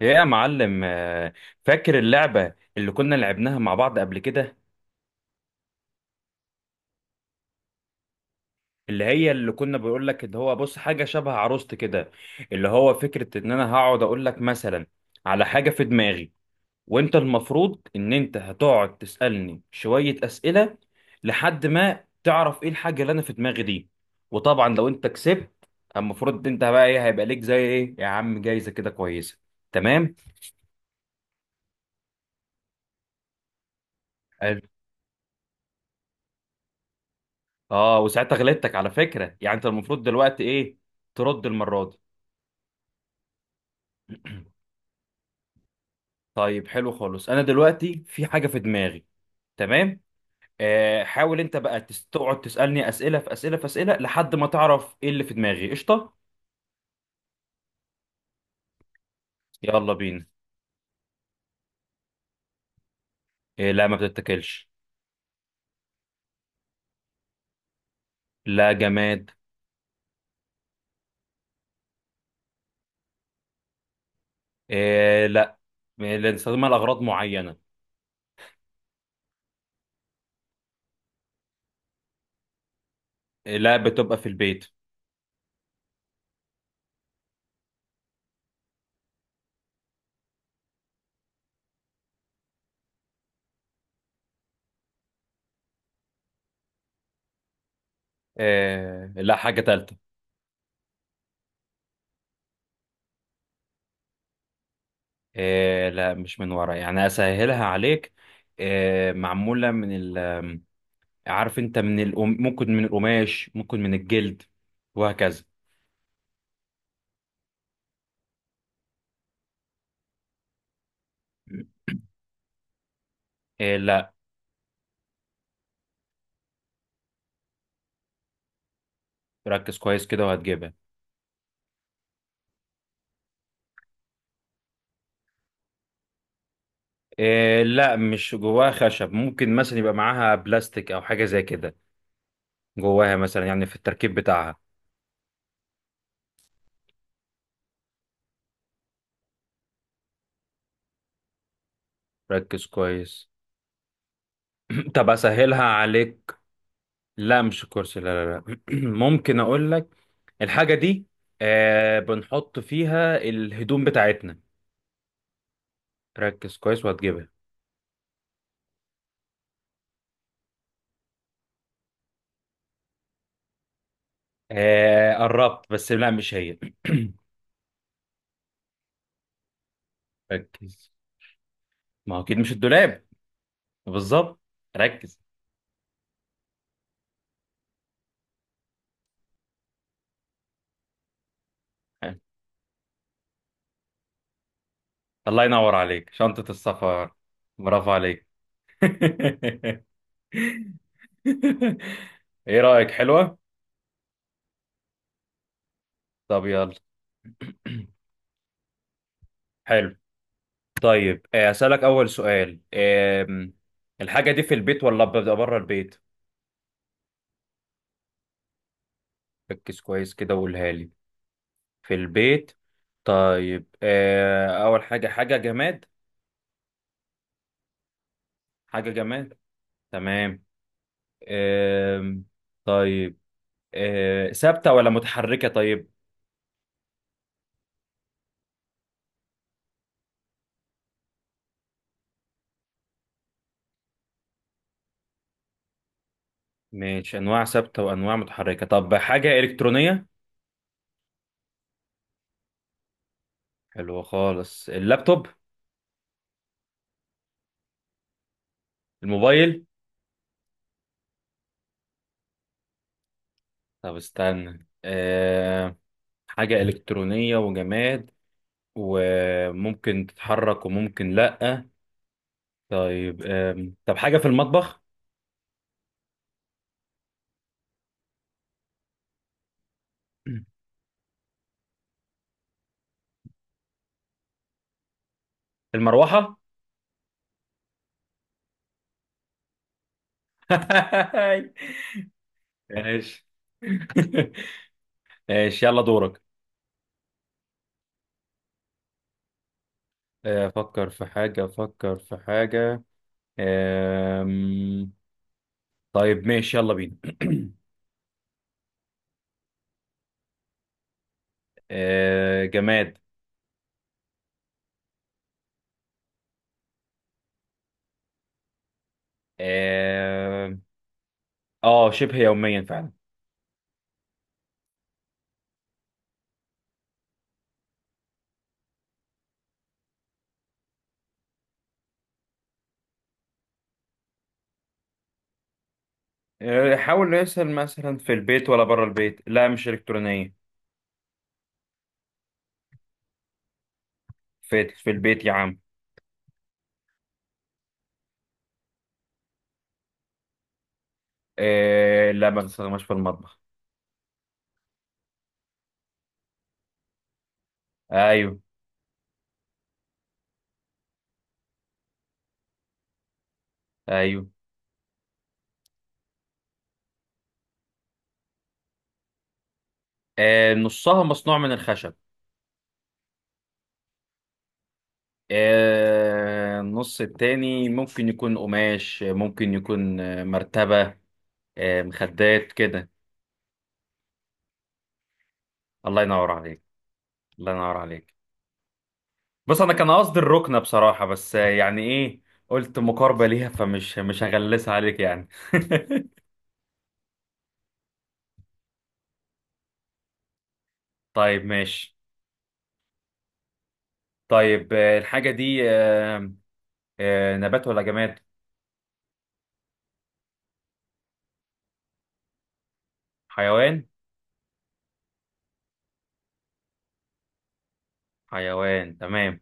يا معلم، فاكر اللعبة اللي كنا لعبناها مع بعض قبل كده؟ اللي هي اللي كنا بقول لك، اللي هو بص، حاجة شبه عروست كده. اللي هو فكرة ان انا هقعد اقول لك مثلا على حاجة في دماغي، وانت المفروض ان انت هتقعد تسألني شوية أسئلة لحد ما تعرف ايه الحاجة اللي انا في دماغي دي. وطبعا لو انت كسبت، المفروض انت بقى ايه، هيبقى ليك زي ايه يا عم، جايزة كده كويسة، تمام؟ اه، وساعتها غلطتك على فكرة، يعني انت المفروض دلوقتي ايه، ترد المرة دي. طيب، حلو خالص، انا دلوقتي في حاجة في دماغي، تمام. حاول انت بقى تقعد تسألني أسئلة في أسئلة في أسئلة لحد ما تعرف ايه اللي في دماغي، قشطة. يلا بينا. إيه، لا، ما بتتاكلش. لا، جماد. إيه، لا لا، نستخدمها لأغراض معينة. إيه، لا، بتبقى في البيت. إيه، لا، حاجة تالتة. إيه، لا، مش من ورا، يعني أسهلها عليك. إيه، معمولة من ال عارف انت، ممكن من القماش، ممكن من الجلد، وهكذا. إيه، لا. ركز كويس كده وهتجيبها. إيه، لا، مش جواها خشب، ممكن مثلا يبقى معاها بلاستيك او حاجة زي كده، جواها مثلا، يعني في التركيب بتاعها. ركز كويس. طب اسهلها عليك. لا مش كرسي، لا لا لا. ممكن اقول لك الحاجة دي، بنحط فيها الهدوم بتاعتنا، ركز كويس وهتجيبها. آه، قربت، بس لا، مش هي. ركز. ما هو اكيد مش الدولاب. بالظبط. ركز. الله ينور عليك، شنطة السفر. برافو عليك. ايه رأيك، حلوة؟ طب يلا. حلو. طيب، أسألك أول سؤال. الحاجة دي في البيت ولا ببدأ بره البيت؟ ركز كويس كده وقولها لي. في البيت. طيب، أول حاجة، حاجة جماد. حاجة جماد، تمام. آم، طيب. ثابتة ولا متحركة؟ طيب، ماشي، انواع ثابته وانواع متحركه. طب حاجه الكترونيه. حلو خالص، اللابتوب. الموبايل. طب استنى. حاجه الكترونيه، وجماد، وممكن تتحرك وممكن لا. طيب. طب حاجه في المطبخ؟ المروحه. ماشي. ماشي، يلا دورك. افكر في حاجه، افكر في حاجه. أم. طيب، ماشي، يلا بينا. آه، جماد. اه. آه، شبه يوميا فعلا. آه، حاول يسأل مثلا في البيت ولا بره البيت، لا مش إلكترونية. في البيت يا عم. آه، لا، ما بستخدمهاش في المطبخ. ايوه. ايوه. آه، نصها مصنوع من الخشب. آه، النص التاني ممكن يكون قماش، ممكن يكون، مرتبة، آه، مخدات كده. الله ينور عليك. الله ينور عليك. بص، انا كان قصدي الركنه بصراحه، بس يعني ايه، قلت مقاربه ليها، فمش مش هغلسها عليك يعني. طيب، ماشي. طيب، الحاجه دي، نبات ولا جماد؟ حيوان. حيوان، تمام.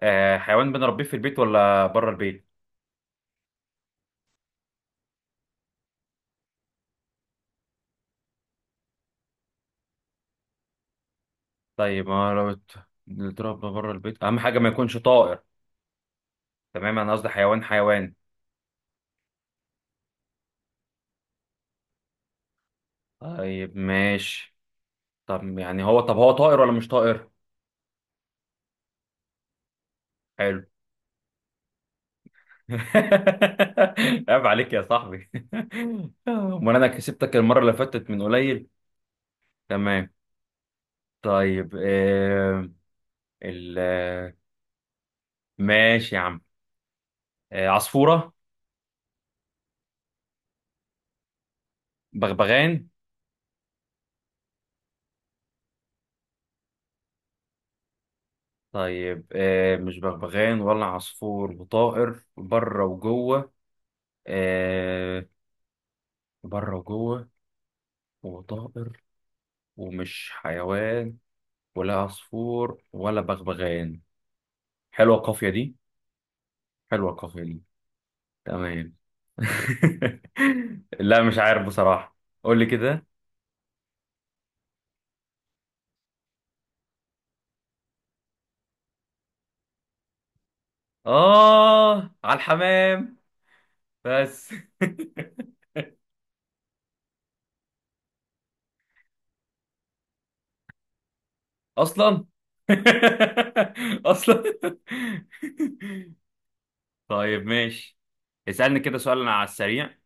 حيوان، بنربيه في البيت ولا بره البيت؟ طيب، ما لو بنتربى بره البيت، اهم حاجه ما يكونش طائر. تمام، انا قصدي حيوان حيوان. طيب ماشي. طب هو طائر ولا مش طائر؟ حلو. عيب عليك يا صاحبي. امال انا كسبتك المره اللي فاتت من قليل. تمام. طيب، آه ال آه، ماشي يا عم. آه، عصفوره. بغبغان. طيب، مش بغبغان ولا عصفور، وطائر بره وجوه. آه، بره وجوه، وطائر، ومش حيوان، ولا عصفور ولا بغبغان. حلوه القافيه دي، حلوه القافيه دي. تمام. لا، مش عارف بصراحة. قول لي كده. آه، على الحمام بس. أصلا. أصلا. طيب ماشي، اسألني كده سؤال أنا على السريع.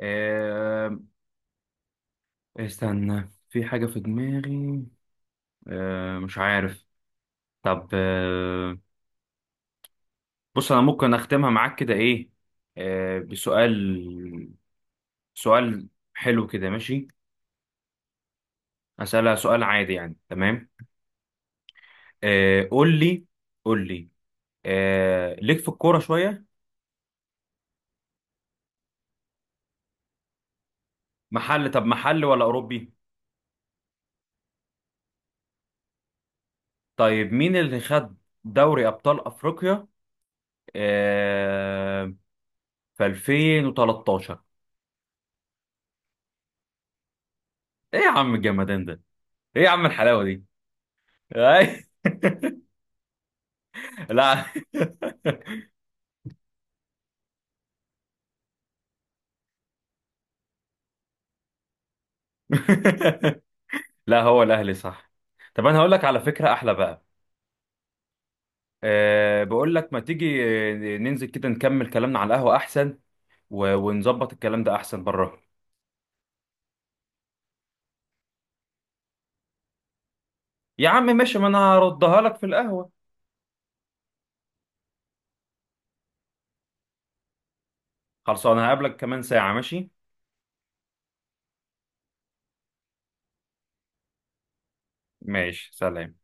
آه... استنى، في حاجة في دماغي. مش عارف. طب، بص، أنا ممكن أختمها معاك كده إيه، بسؤال، سؤال. حلو كده، ماشي. أسألها سؤال عادي، يعني تمام. آه، قول لي، قول لي. آه، ليك في الكورة شوية؟ طب محل ولا أوروبي؟ طيب، مين اللي خد دوري أبطال أفريقيا آه في 2013؟ إيه يا عم الجمدان ده، إيه يا عم الحلاوة دي. أي. لا. لا، هو الأهلي صح. طب أنا هقول لك على فكرة أحلى بقى. بقول لك، ما تيجي ننزل كده نكمل كلامنا على القهوة أحسن، و... ونظبط الكلام ده احسن بره. يا عم ماشي، ما انا هردها لك في القهوة. خلصانه، هقابلك كمان ساعة، ماشي. ماشي، سلام.